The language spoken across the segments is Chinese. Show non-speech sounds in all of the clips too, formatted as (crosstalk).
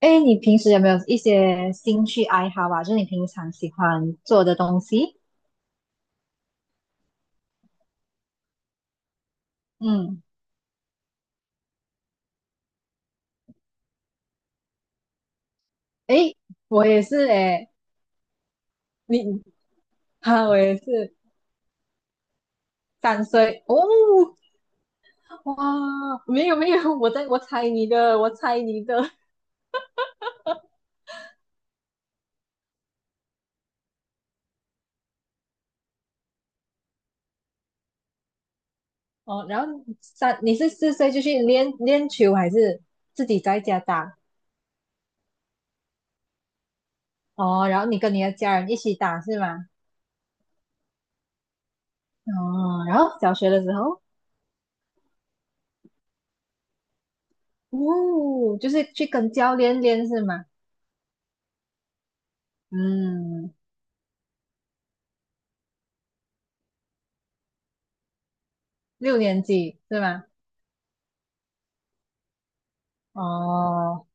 哎，你平时有没有一些兴趣爱好啊？就是你平常喜欢做的东西？嗯，哎，我也是哎，你哈、我也是3岁哦，哇，没有没有，我猜你的哦。然后你是四岁就去练练球，还是自己在家打？哦，然后你跟你的家人一起打是吗？哦，然后小学的时候，哦，就是去跟教练练是吗？嗯，6年级是吗？哦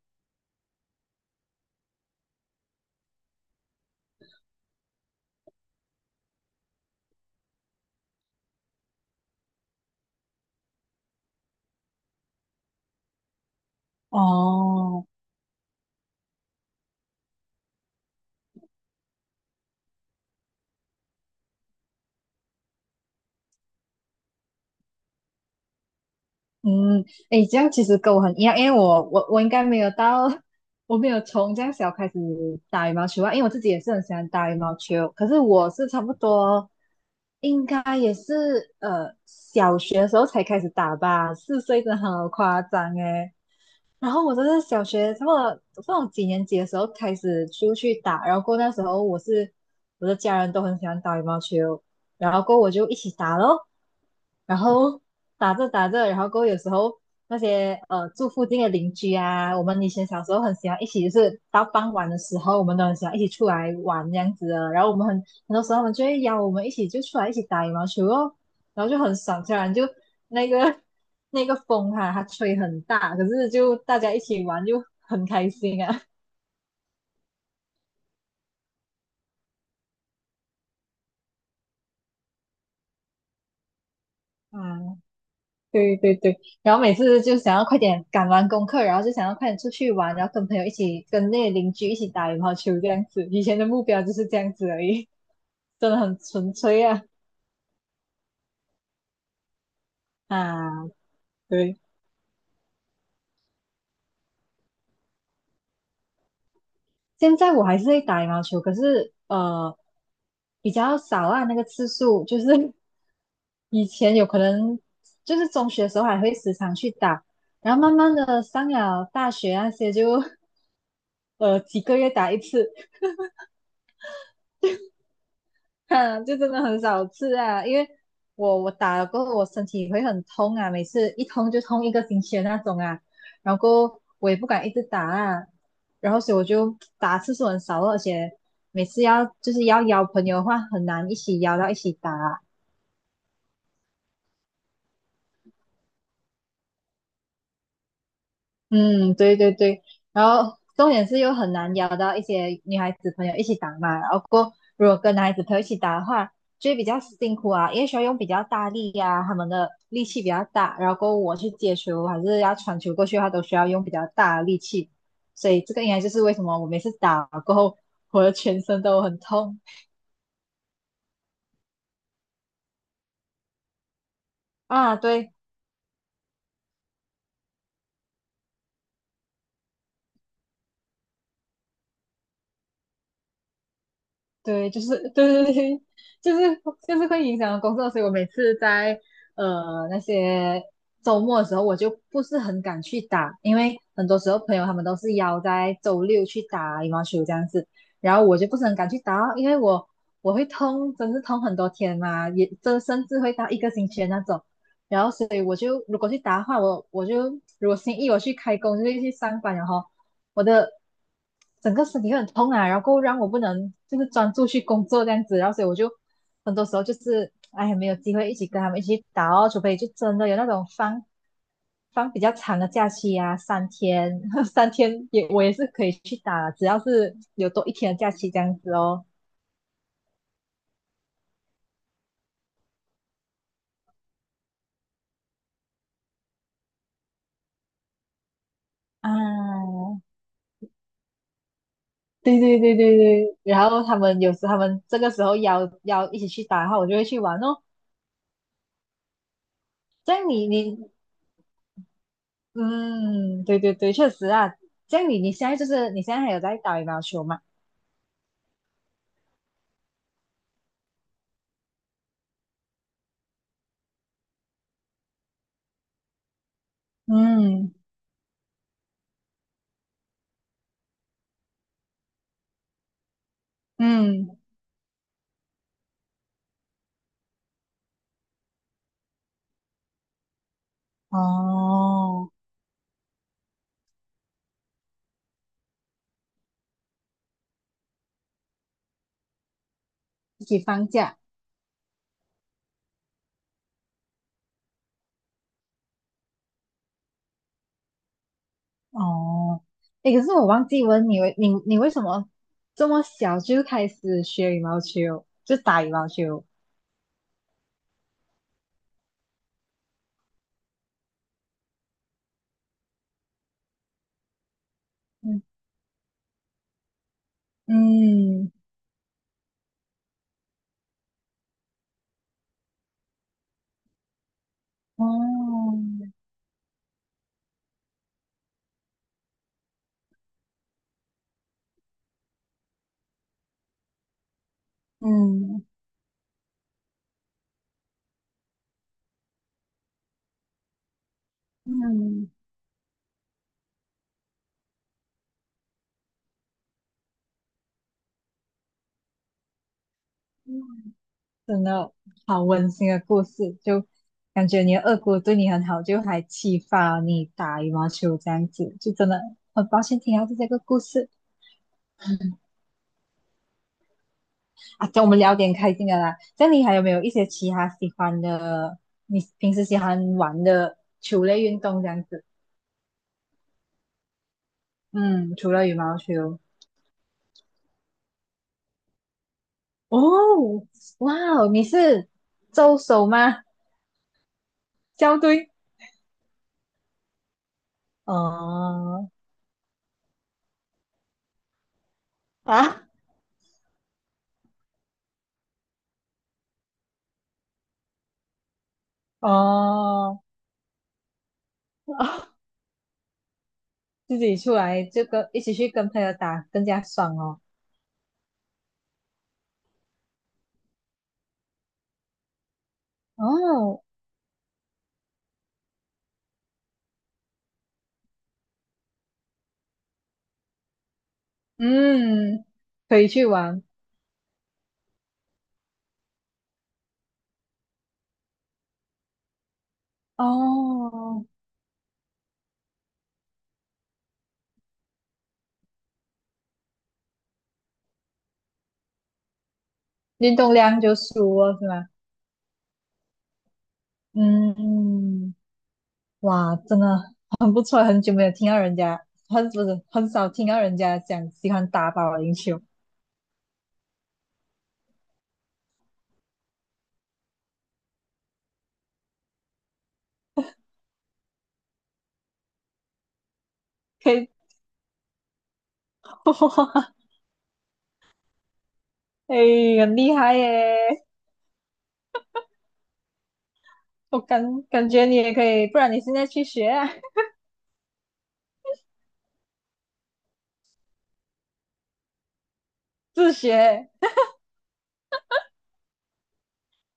哦，嗯，诶，这样其实跟我很一样，因为我应该没有到，(laughs) 我没有从这样小开始打羽毛球啊，因为我自己也是很喜欢打羽毛球，可是我是差不多，应该也是小学的时候才开始打吧，四岁真的好夸张诶。然后我真的是小学差不多不知道几年级的时候开始出去打，然后过那时候我的家人都很喜欢打羽毛球，然后过后我就一起打咯。然后打着打着，然后过后有时候那些住附近的邻居啊，我们以前小时候很喜欢一起，就是到傍晚的时候，我们都很喜欢一起出来玩这样子的。然后我们很多时候他们就会邀我们一起就出来一起打羽毛球哦，然后就很爽，虽然就那个 (laughs) 那个风哈、它吹很大，可是就大家一起玩就很开心啊。啊，对对对，然后每次就想要快点赶完功课，然后就想要快点出去玩，然后跟朋友一起跟那些邻居一起打羽毛球这样子。以前的目标就是这样子而已，(laughs) 真的很纯粹啊啊！对，现在我还是会打羽毛球，可是比较少啊，那个次数就是 (laughs) 以前有可能就是中学的时候还会时常去打，然后慢慢的上了大学那些就 (laughs) 几个月打一次。(laughs) 哼，就真的很少吃啊，因为我打了过后，我身体会很痛啊，每次一痛就痛一个星期的那种啊，然后过后我也不敢一直打啊，然后所以我就打次数很少了，而且每次要就是要邀朋友的话，很难一起邀到一起打啊，嗯，对对对，然后重点是又很难邀到一些女孩子朋友一起打嘛，然后过后如果跟男孩子朋友一起打的话，就会比较辛苦啊，因为需要用比较大力呀、他们的力气比较大，然后过后我去接球还是要传球过去的话，都需要用比较大的力气，所以这个应该就是为什么我每次打过后我的全身都很痛啊，对。对，就是对对对，就是就是会影响到工作，所以我每次在那些周末的时候，我就不是很敢去打，因为很多时候朋友他们都是邀在周六去打羽毛球这样子，然后我就不是很敢去打哦，因为我会痛，真是痛很多天嘛，也这甚至会到一个星期的那种，然后所以我就如果去打的话，我就如果星期一我去开工就会去上班，然后。我的整个身体会很痛啊，然后让我不能就是专注去工作这样子，然后所以我就很多时候就是哎没有机会一起跟他们一起去打哦，除非就真的有那种放比较长的假期啊，三天 (laughs) 三天也我也是可以去打，只要是有多一天的假期这样子哦。啊，对对对对对，然后他们有时他们这个时候邀一起去打，然后我就会去玩哦。这样你嗯，对对对，确实啊。这样你现在就是你现在还有在打羽毛球吗？嗯嗯，哦，一起放假哦。诶，可是我忘记问你你为什么这么小就开始学羽毛球，就打羽毛球？嗯嗯，哦，嗯嗯。嗯真的好温馨的故事，就感觉你的二姑对你很好，就还启发你打羽毛球这样子，就真的很抱歉听到这个故事啊。叫我们聊点开心的啦。这样你还有没有一些其他喜欢的，你平时喜欢玩的球类运动这样子？嗯，除了羽毛球，哦，哇哦，你是周手吗？校队？哦，啊，哦。(laughs) 自己出来就跟一起去跟朋友打更加爽哦。哦，嗯，可以去玩哦，运动量就输了是吗？嗯，哇，真的很不错，很久没有听到人家，不是很少听到人家讲喜欢打保龄球，可以，(laughs) 哇，哎，很厉害耶！我感觉你也可以，不然你现在去学啊，(laughs) 自学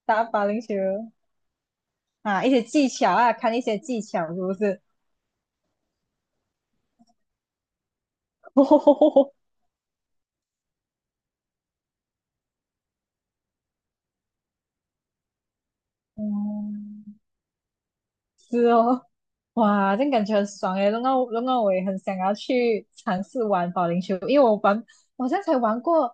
打保龄球啊，一些技巧啊，看一些技巧是不是？(laughs) 嗯，是哦，哇，这样感觉很爽诶，弄到我也很想要去尝试玩保龄球，因为我玩，我好像才玩过，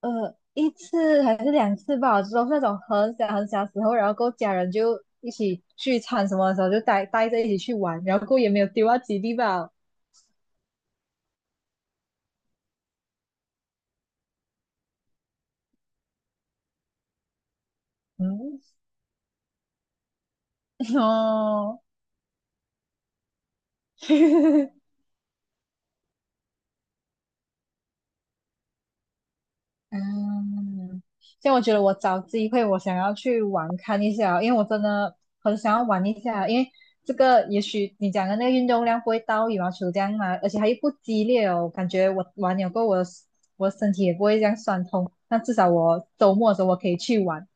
一次还是两次吧，就是那种很小很小的时候，然后跟家人就一起聚餐什么的时候就带着一起去玩，然后过后也没有丢到基地吧，嗯，(laughs) 哦。(laughs) 嗯，像我觉得我找机会，我想要去玩看一下哦，因为我真的很想要玩一下，因为这个也许你讲的那个运动量不会到羽毛球这样嘛，而且它又不激烈哦，感觉我玩了过后我的身体也不会这样酸痛，那至少我周末的时候我可以去玩。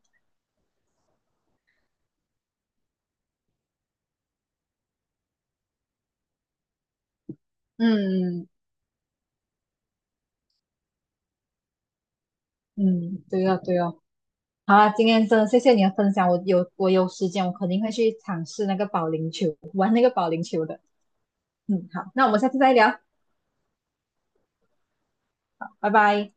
嗯嗯，对哦对哦，好啊，今天真的谢谢你的分享，我有时间我肯定会去尝试那个保龄球，玩那个保龄球的。嗯，好，那我们下次再聊，拜拜。